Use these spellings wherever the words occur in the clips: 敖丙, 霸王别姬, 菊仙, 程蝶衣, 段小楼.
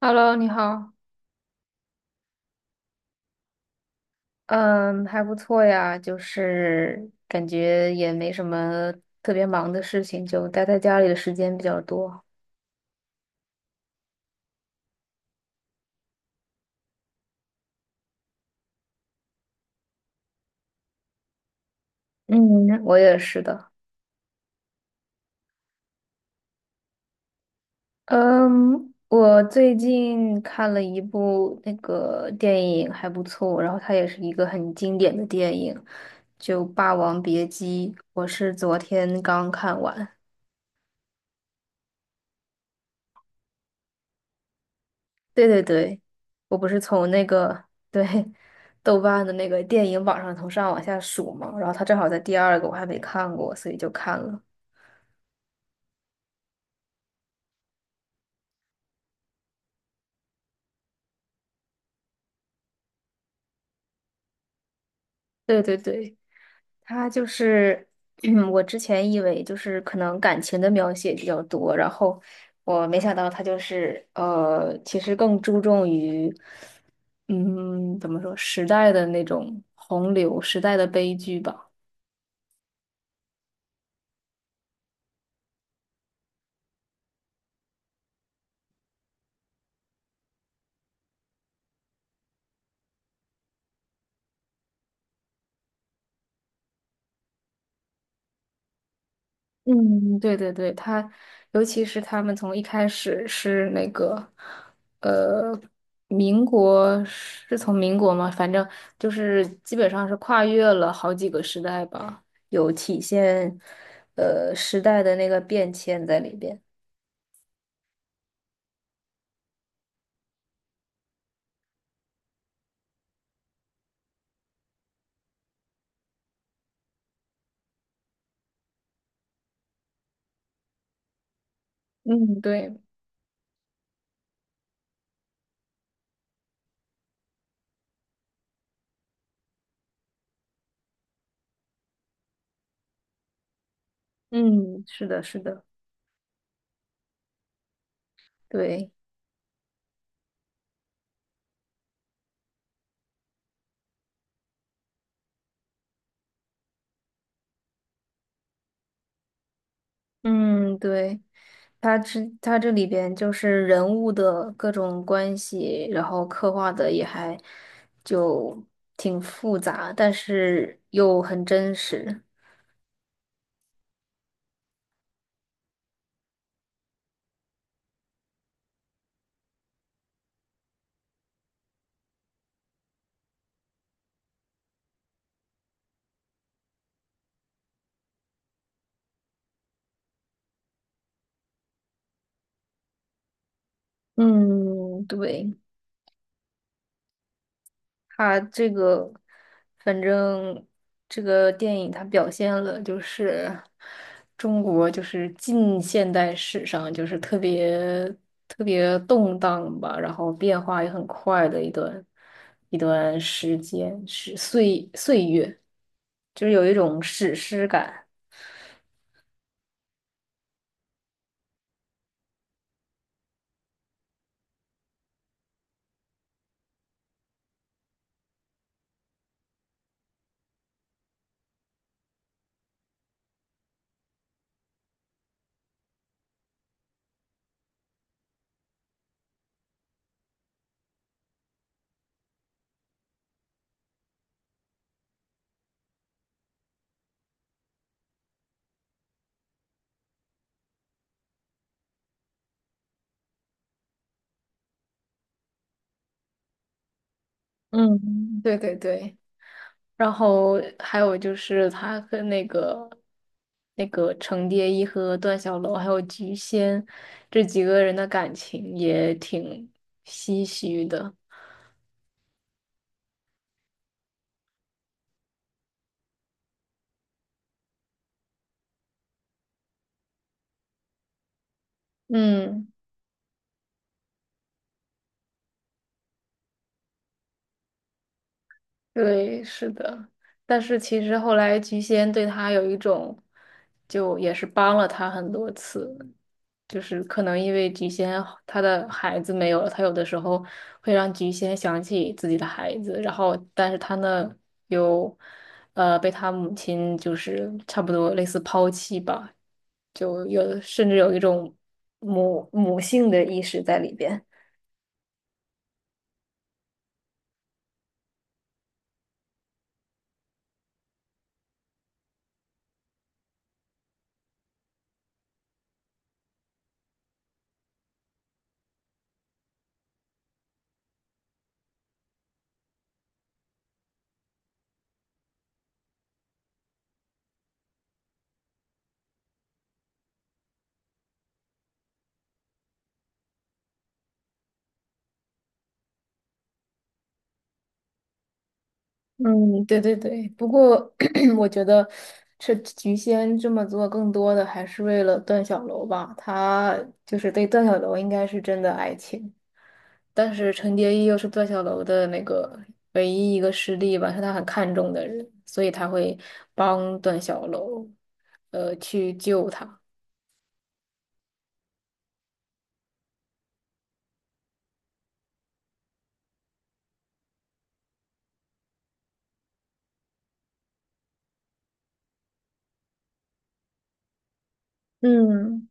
Hello，你好。嗯，还不错呀，就是感觉也没什么特别忙的事情，就待在家里的时间比较多。嗯，我也是的。嗯，我最近看了一部那个电影，还不错，然后它也是一个很经典的电影，就《霸王别姬》，我是昨天刚看完。对对对，我不是从那个对豆瓣的那个电影榜上从上往下数嘛，然后它正好在第二个，我还没看过，所以就看了。对对对，它就是 我之前以为就是可能感情的描写比较多，然后我没想到它就是其实更注重于嗯，怎么说时代的那种洪流，时代的悲剧吧。嗯，对对对，他，尤其是他们从一开始是那个，呃，民国是从民国嘛，反正就是基本上是跨越了好几个时代吧，有体现，时代的那个变迁在里边。嗯，对，嗯，是的，是的，对。嗯，对，它这里边就是人物的各种关系，然后刻画的也还就挺复杂，但是又很真实。嗯，对。它这个，反正这个电影它表现了就是中国就是近现代史上就是特别特别动荡吧，然后变化也很快的一段时间，是岁岁月，就是有一种史诗感。嗯，对对对。然后还有就是他跟那个程蝶衣和段小楼还有菊仙这几个人的感情也挺唏嘘的。嗯，对，是的。但是其实后来菊仙对他有一种，就也是帮了他很多次，就是可能因为菊仙她的孩子没有了，她有的时候会让菊仙想起自己的孩子，然后但是她呢又被她母亲就是差不多类似抛弃吧，就有甚至有一种母性的意识在里边。嗯，对对对。不过 我觉得这菊仙这么做，更多的还是为了段小楼吧。他就是对段小楼应该是真的爱情，但是陈蝶衣又是段小楼的那个唯一一个师弟吧，是他很看重的人，所以他会帮段小楼，去救他。嗯。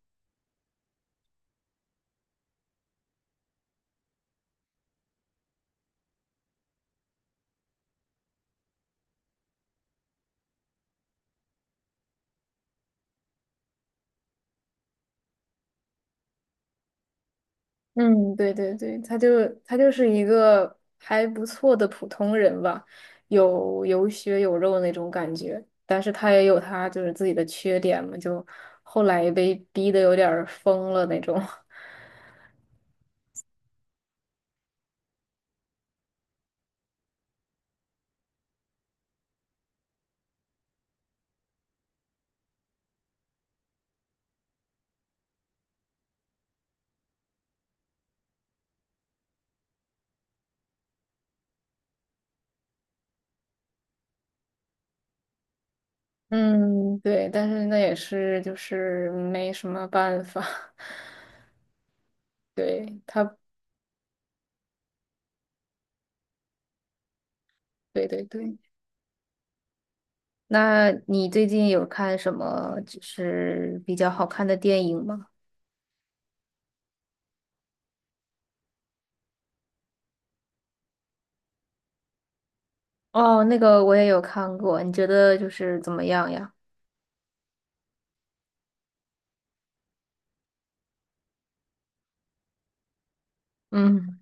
嗯，对对对，他就是一个还不错的普通人吧，有有血有肉那种感觉，但是他也有他就是自己的缺点嘛，就后来被逼得有点儿疯了那种。嗯，对，但是那也是就是没什么办法。对他，对对对。那你最近有看什么就是比较好看的电影吗？哦，那个我也有看过，你觉得就是怎么样呀？嗯。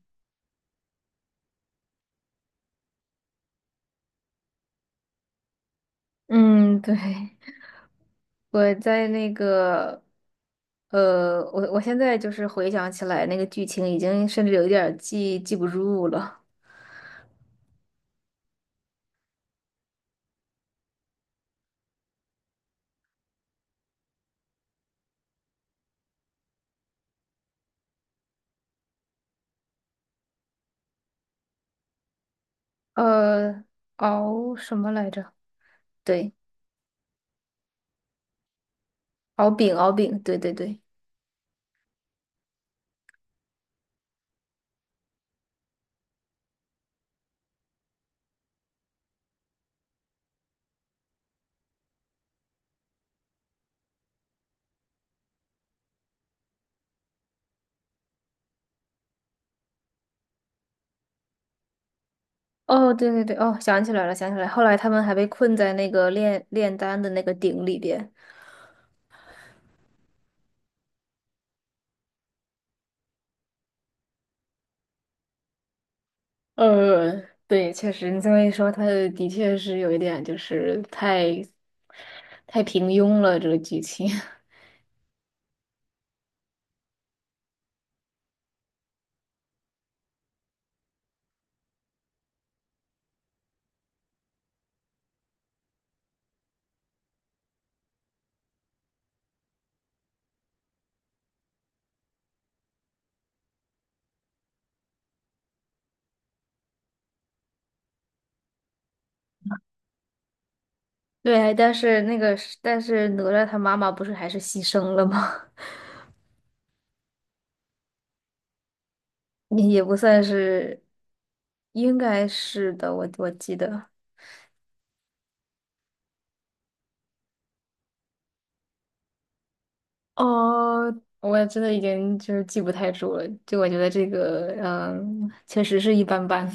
嗯，对，我在那个，我现在就是回想起来那个剧情，已经甚至有一点儿记不住了。呃，敖什么来着？对，敖丙，敖丙，对对对。哦，对对对，哦，想起来了，想起来了。后来他们还被困在那个炼丹的那个鼎里边。呃，对，确实，你这么一说，他的确是有一点，就是太平庸了，这个剧情。对，但是那个是但是哪吒他妈妈不是还是牺牲了吗？也不算是，应该是的，我记得。哦，我也真的已经就是记不太住了，就我觉得这个，嗯，确实是一般般。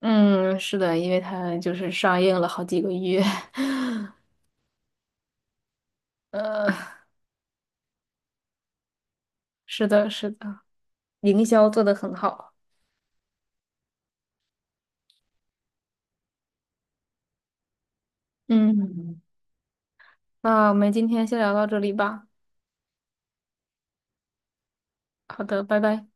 嗯，是的，因为它就是上映了好几个月，呃，是的，是的，营销做得很好。嗯，那我们今天先聊到这里吧。好的，拜拜。